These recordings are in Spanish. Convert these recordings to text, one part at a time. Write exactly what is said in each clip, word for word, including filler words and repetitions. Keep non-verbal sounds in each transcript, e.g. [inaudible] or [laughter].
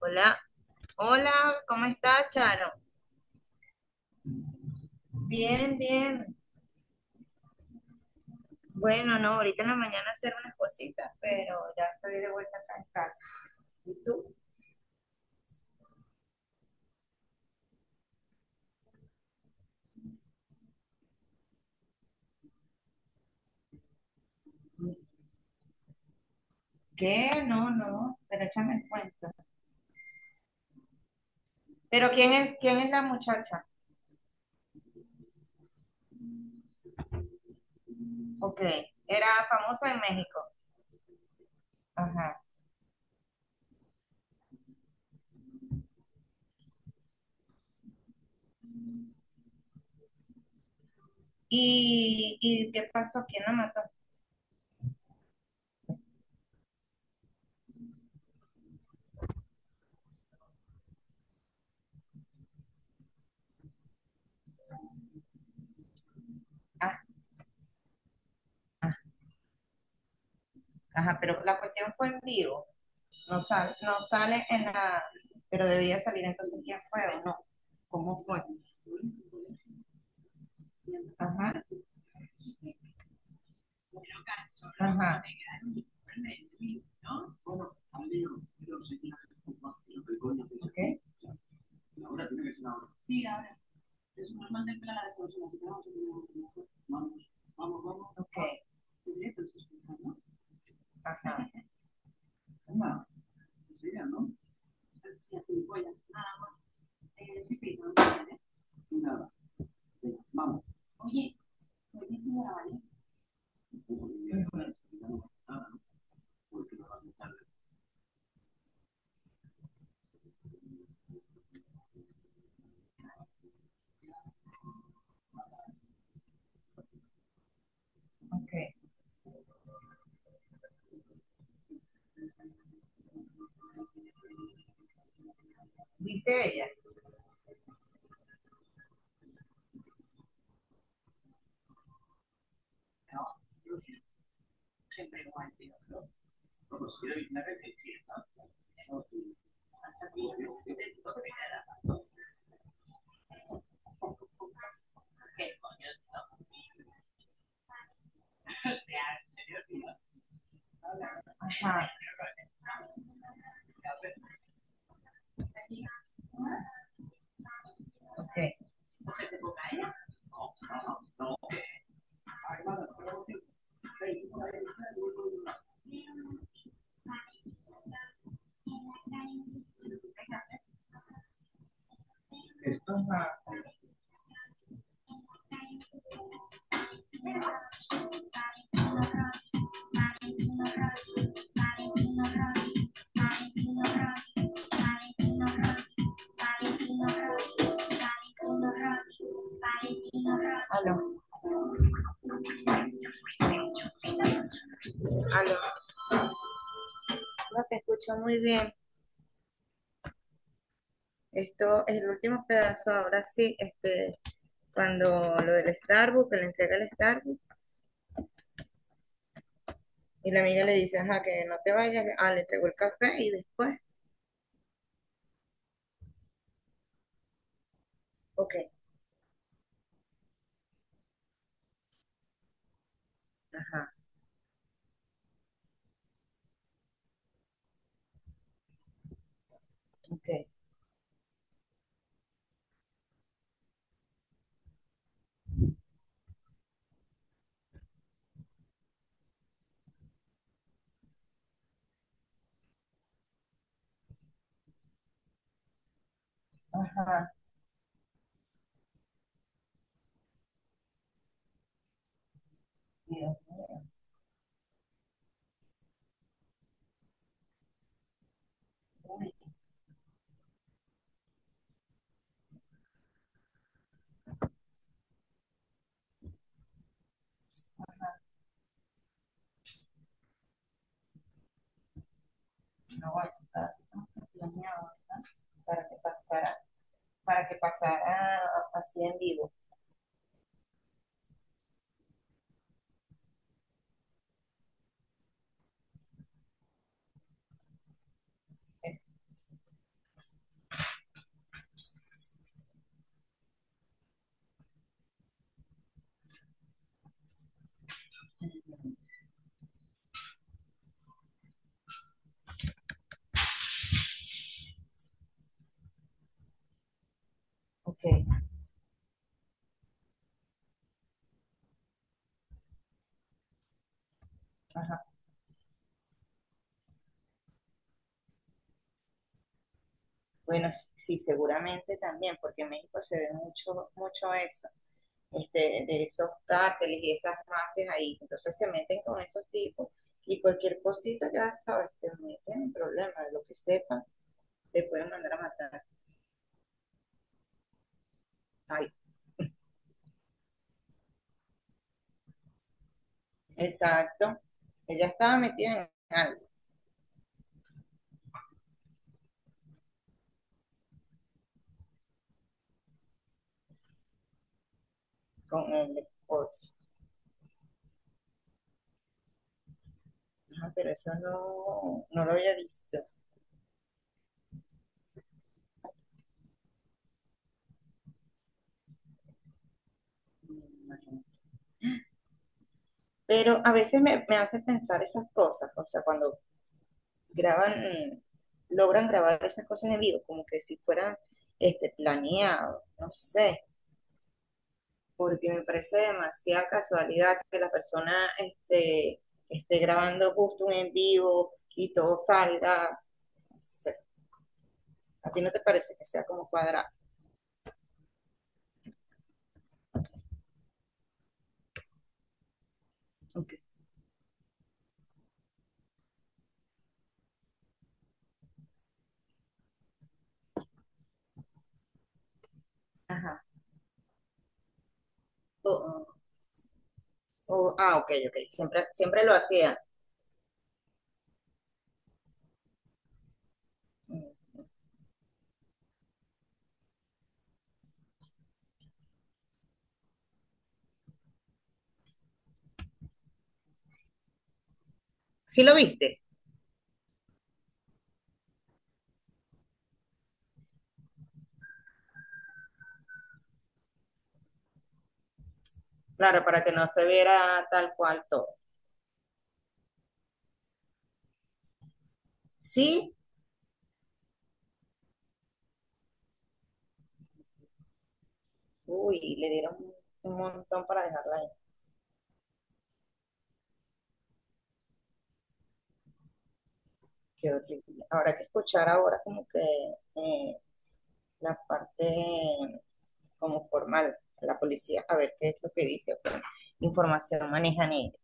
Hola, hola, ¿cómo estás, Charo? Bien, bien. Bueno, no, ahorita en la mañana hacer unas cositas, pero ya estoy de vuelta acá en casa. ¿Y tú? ¿Qué? No, no, pero échame el cuento. Pero ¿quién es, quién es la muchacha? Ok, era famosa en México. Ajá. ¿Y, y qué pasó? ¿Quién la mató? Ah, ah, ajá, pero la cuestión fue en vivo. No sale, no sale en la. Pero debería salir entonces quién fue o no. ¿Cómo fue? Ajá, ajá. Okay. Vamos. Vamos. Okay, ajá. Okay. Dice ella. Ajá, okay. Ajá. Aló, aló. No te escucho muy bien. Esto es el último pedazo, ahora sí, este, cuando lo del Starbucks, que le entrega el Starbucks, y la amiga le dice, ajá, que no te vayas, ah, le entregó el café y después. Ok, ajá. Ok, ajá. Dios. Una guachita, así, ¿verdad? Para que pasara, para que pasara así en vivo. Ok, ajá. Bueno, sí, sí, seguramente también, porque en México se ve mucho, mucho eso, este, de esos cárteles y esas mafias ahí. Entonces se meten con esos tipos y cualquier cosita, ya sabes, te meten en problemas, de lo que sepas, te pueden mandar a matar. Ay, exacto. Ella estaba metida en algo con el esposo. Ajá, pero eso no, no lo había visto. Me imagino. Pero a veces me, me hace pensar esas cosas, o sea, cuando graban, mm, logran grabar esas cosas en vivo, como que si fueran este, planeado, no sé, porque me parece demasiada casualidad que la persona este, esté grabando justo un en vivo y todo salga, no sé. ¿A ti no te parece que sea como cuadrado? Ajá. O- o- ah, ok, ok, siempre, siempre lo hacía. Mm. ¿Sí lo viste? Claro, para que no se viera tal cual todo. Sí, uy, le dieron un montón para dejarla ahí. Qué horrible. Habrá que escuchar ahora como que eh, la parte eh, como formal, la policía, a ver qué es lo que dice. Información manejan ellos.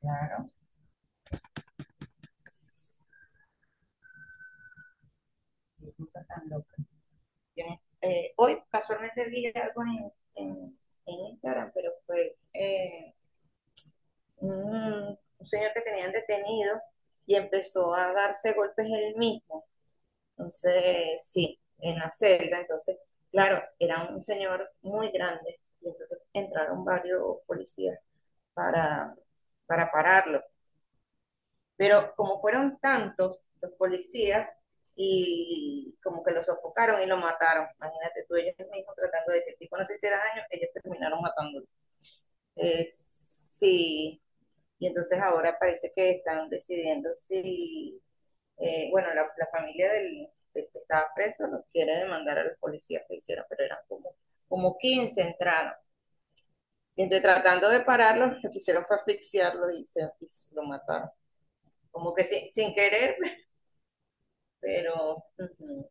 Claro, qué cosa tan loca. Yo, eh, hoy casualmente vi algo en, en- en Instagram, pero fue eh, un, un señor que tenían detenido y empezó a darse golpes él mismo. Entonces, sí, en la celda, entonces, claro, era un señor muy grande y entonces entraron varios policías para, para pararlo. Pero como fueron tantos los policías y como que lo sofocaron y lo mataron, imagínate tú, ellos mismos tratando de que el tipo no se hiciera daño, ellos terminaron matándolo. Eh, sí, y entonces ahora parece que están decidiendo si eh, bueno, la, la familia del, del que estaba preso lo quiere demandar a los policías que hicieron, pero eran como, como quince entraron. Y entonces, tratando de pararlo, lo que hicieron fue asfixiarlo y, se, y lo mataron. Como que sin, sin, querer, pero ujú,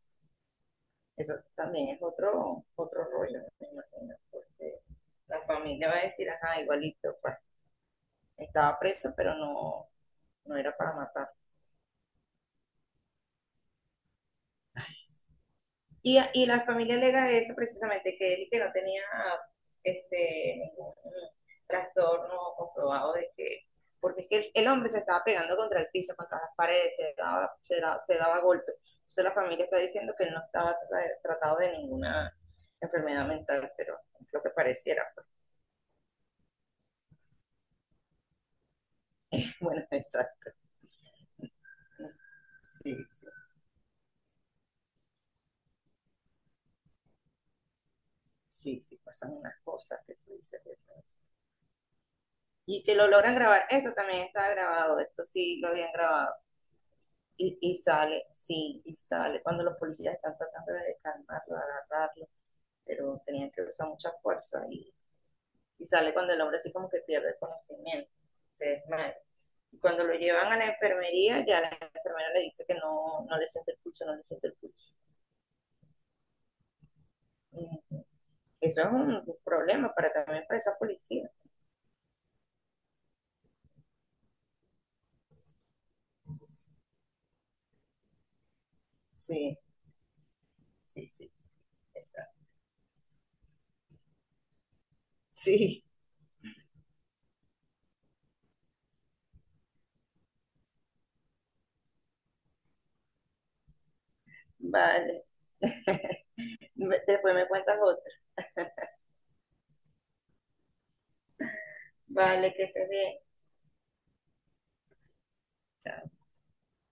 eso también es otro, otro rollo, me imagino, porque la familia va a decir, ajá, igualito, pues, estaba preso, pero no, no era para matar. Y, y la familia alega eso precisamente, que él y que no tenía este, ningún trastorno comprobado de que, porque es que el, el hombre se estaba pegando contra el piso, contra las paredes, se daba, se daba, se daba golpes. Entonces la familia está diciendo que él no estaba tratado de ninguna enfermedad mental, pero lo que pareciera, pues, [laughs] bueno, exacto. Sí, sí, sí, sí, pasan unas cosas que tú dices. Y que lo logran grabar. Esto también está grabado, esto sí lo habían grabado. Y, y sale, sí, y sale. Cuando los policías están tratando de calmarlo, agarrarlo, pero tenían que usar mucha fuerza y, y sale cuando el hombre así como que pierde el conocimiento, se desmaya. Y cuando lo llevan a la enfermería, ya la enfermera le dice que no, no le siente el pulso, no le siente el pulso. Ujú. Eso es un, un problema para también para esa policía. Sí, sí, sí. Exacto. Sí. Vale. [laughs] Después me cuentas otra. Vale, que estés bien. Chao.